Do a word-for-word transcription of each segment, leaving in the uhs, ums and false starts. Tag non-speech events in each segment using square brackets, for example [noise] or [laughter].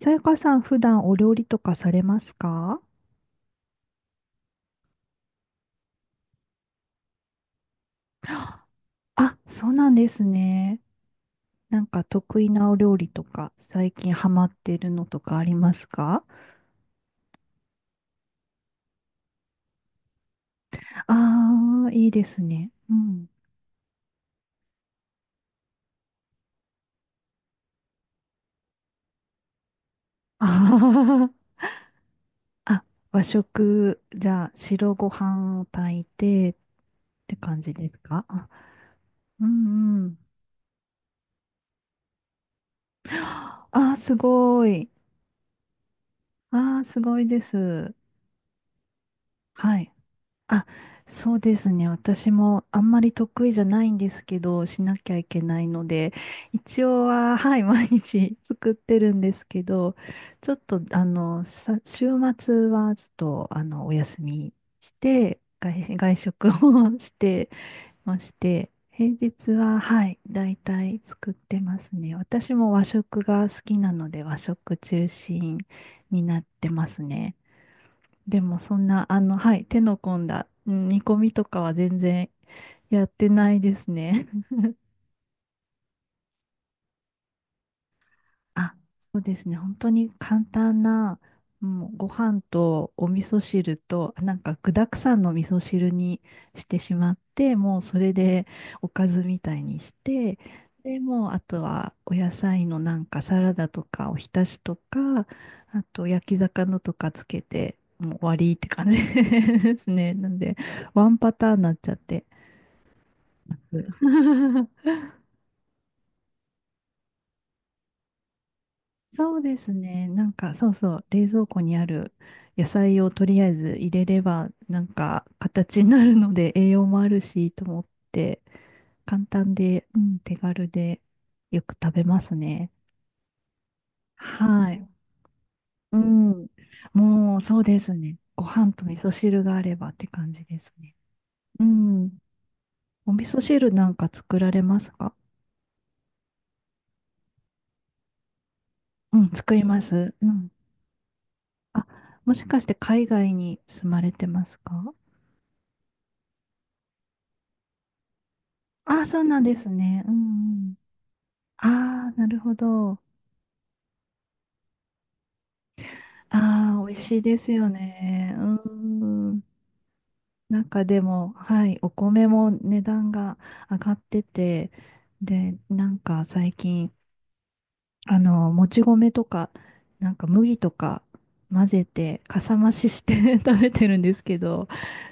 さやかさん、普段お料理とかされますか？あ、そうなんですね。なんか得意なお料理とか、最近ハマってるのとかありますか？ああー、いいですね。うん。あー [laughs] あ、和食、じゃあ、白ご飯を炊いてって感じですかあ？うんうん。ああ、すごい。ああ、すごいです。はい。あ、そうですね。私もあんまり得意じゃないんですけど、しなきゃいけないので、一応は、はい、毎日 [laughs] 作ってるんですけど、ちょっと、あの、さ、週末はちょっと、あの、お休みして、外、外食を [laughs] してまして、平日は、はい、だいたい作ってますね。私も和食が好きなので、和食中心になってますね。でもそんな、あの、はい、手の込んだ、うん煮込みとかは全然やってないですね。[laughs] あ、そうですね。本当に簡単な、もうご飯とお味噌汁と、なんか具沢山の味噌汁にしてしまって、もうそれでおかずみたいにして、で、もうあとはお野菜のなんかサラダとかおひたしとか、あと焼き魚とかつけて、もう終わりって感じ [laughs] ですね。なんで、ワンパターンになっちゃって。うん [laughs] そうですね。なんか、そうそう、冷蔵庫にある野菜をとりあえず入れれば、なんか、形になるので栄養もあるし、と思って、簡単で、うん、手軽で、よく食べますね。はい。うん。もう、そうですね。ご飯と味噌汁があればって感じですね。うん。お味噌汁なんか作られますか？うん、作ります。うん。あ、もしかして海外に住まれてますか？あ、そうなんですね。うんうん。ああ、なるほど。ああ、美味しいですよね。うん。なんかでも、はい、お米も値段が上がってて、で、なんか最近、あの、もち米とか、なんか麦とか混ぜて、かさ増しして [laughs] 食べてるんですけど、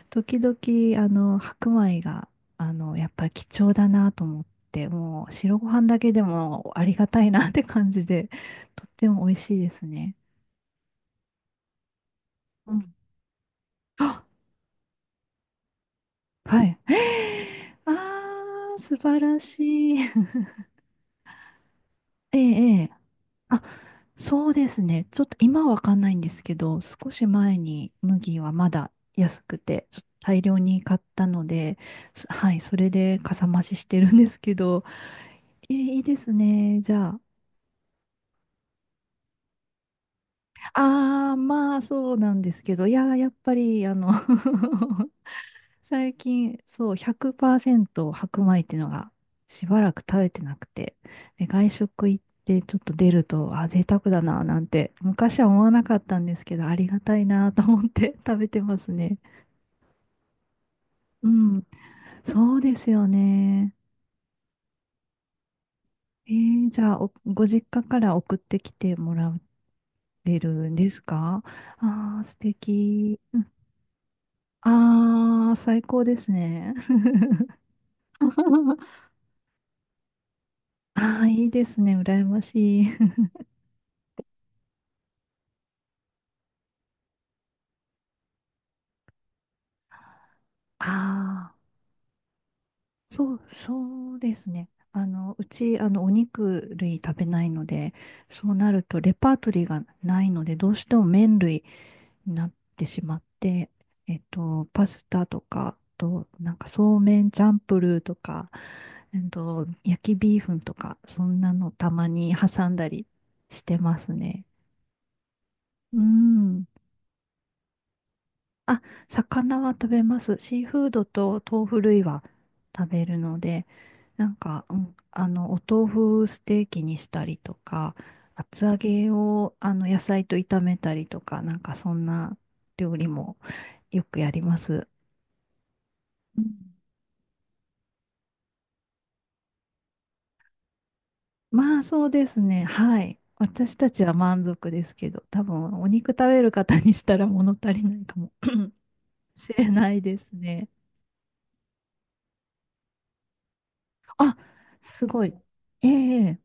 時々、あの、白米が、あの、やっぱり貴重だなと思って、もう白ご飯だけでもありがたいなって感じで、[laughs] とっても美味しいですね。うん。あ、はい。えーあー、素晴らしい。[laughs] ええ、ええ。あ、そうですね。ちょっと今はわかんないんですけど、少し前に麦はまだ安くて、ちょっと大量に買ったので、すはい、それでかさ増ししてるんですけど、えーいいですね。じゃあ、ああ、まあそうなんですけど、いやー、やっぱり、あの [laughs] 最近、そう、ひゃくパーセント白米っていうのがしばらく食べてなくて、で、外食行ってちょっと出ると、あ、贅沢だな、なんて、昔は思わなかったんですけど、ありがたいなと思って [laughs] 食べてますね。うん、そうですよね。えー、じゃあお、ご実家から送ってきてもらえるんですか？ああー、素敵。ああ、最高ですね。[laughs] [laughs] ああ、いいですね。羨ましい。[laughs] ああ、そう、そうですね。あの、うち、あの、お肉類食べないので、そうなると、レパートリーがないので、どうしても麺類になってしまって、えっと、パスタとか、あと、なんか、そうめんチャンプルーとか、えっと、焼きビーフンとか、そんなのたまに挟んだりしてますね。うん。あ、魚は食べます。シーフードと豆腐類は食べるので、なんか、うん、あの、お豆腐ステーキにしたりとか、厚揚げをあの野菜と炒めたりとか、なんかそんな料理もよくやります。うん、まあそうですね。はい。私たちは満足ですけど、多分お肉食べる方にしたら物足りないかも [clears throat] し [coughs] れないですね。あ、すごい。ええ、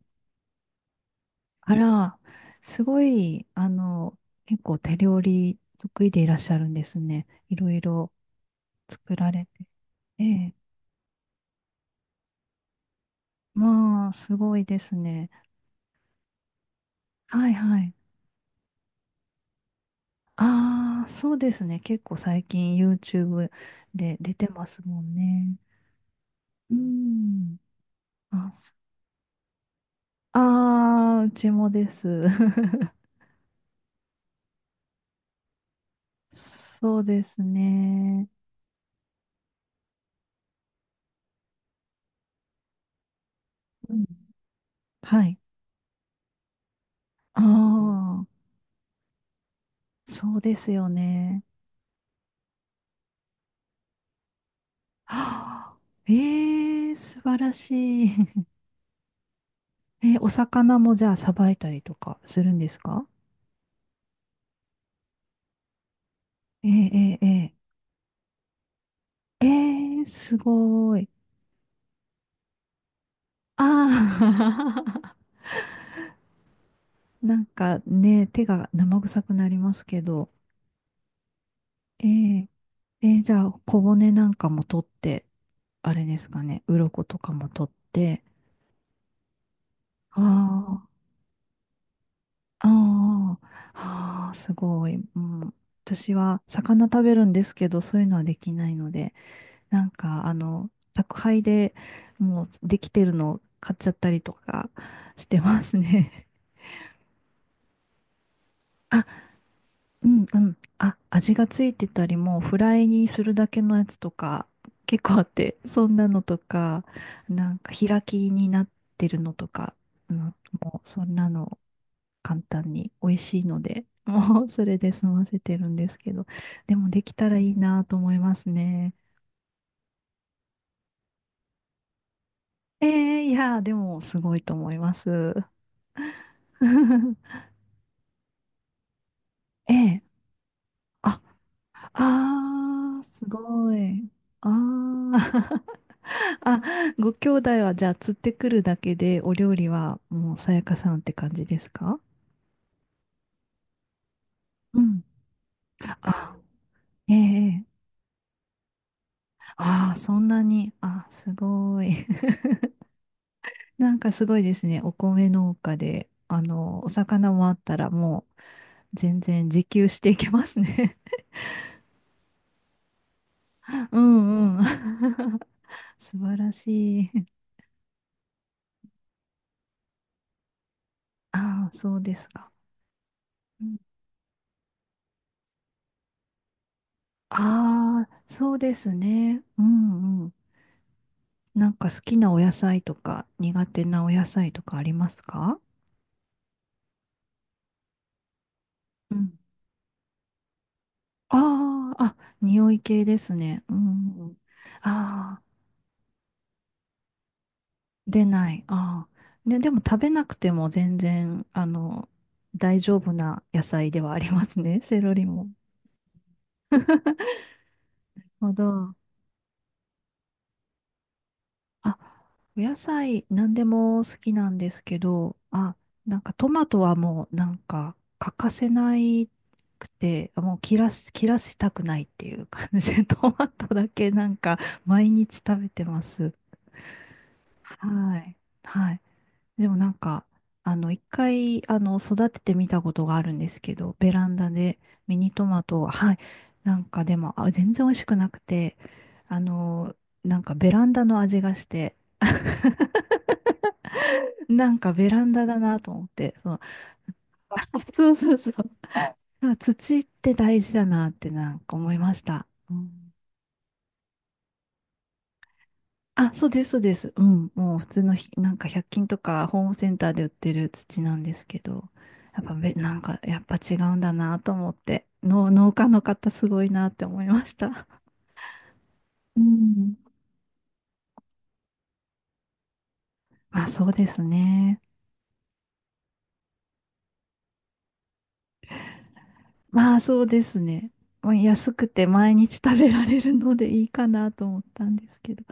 あら、すごい、あの、結構手料理得意でいらっしゃるんですね。いろいろ作られて。ええ。まあ、すごいですね。はいはい。ああ、そうですね。結構最近 YouTube で出てますもんね。うん。あ、そあー、うちもです。[laughs] そうですね。うん、はい。ああ、そうですよね。[gasps] はあ、ええ、素晴らしい。[laughs] え、お魚もじゃあさばいたりとかするんですか？えええええええー、すごい。ああ [laughs] なんかね、手が生臭くなりますけど。ええええ、じゃあ小骨なんかも取って、あれですかね、鱗とかも取って。ああ、ああ、ああ、すごい。うん、私は魚食べるんですけど、そういうのはできないので。なんか、あの、宅配でもうできてるのを買っちゃったりとかしてますね。[laughs] あ、うんうん。あ、味がついてたり、もうフライにするだけのやつとか結構あって、そんなのとか、なんか開きになってるのとか、うん、もうそんなの簡単に美味しいので、[laughs] もうそれで済ませてるんですけど、でもできたらいいなと思いますね。えー、いやー、でもすごいと思います。[laughs] ええ。あ、あー、すごい。あー。[laughs] あ、ご兄弟はじゃあ釣ってくるだけでお料理はもうさやかさんって感じですか？うん。あ、ええ。ええ、ああ、そんなに。あ、すごい。[laughs] なんかすごいですね。お米農家で、あの、お魚もあったらもう全然自給していけますね。[laughs] うんうん。[laughs] 素晴らしい。[laughs] ああ、そうですか。ああ、そうですね。うんうん。なんか好きなお野菜とか苦手なお野菜とかありますか？うん。ああ、あ、匂い系ですね。うんうん。ああ、出ない。ああ。ね、でも食べなくても全然、あの、大丈夫な野菜ではありますね。セロリも。なるほど。あ、お野菜何でも好きなんですけど、あ、なんかトマトはもうなんか欠かせないくて、もう切らす、切らしたくないっていう感じで、[laughs] トマトだけなんか毎日食べてます。はい。はい。でもなんか、あの、一回、あの、育ててみたことがあるんですけど、ベランダでミニトマトを、はい。なんかでも、あ、全然美味しくなくて、あの、なんかベランダの味がして、なんかベランダだなと思って、そう、[laughs] そうそうそう。あ、土って大事だなってなんか思いました。うん、あ、そうです、そうです。うん。もう普通のひ、なんかひゃっきんとかホームセンターで売ってる土なんですけど、やっぱべ、なんかやっぱ違うんだなと思って、農農家の方すごいなって思いました。うん。まあそうですね。まあそうですね。もう安くて毎日食べられるのでいいかなと思ったんですけど。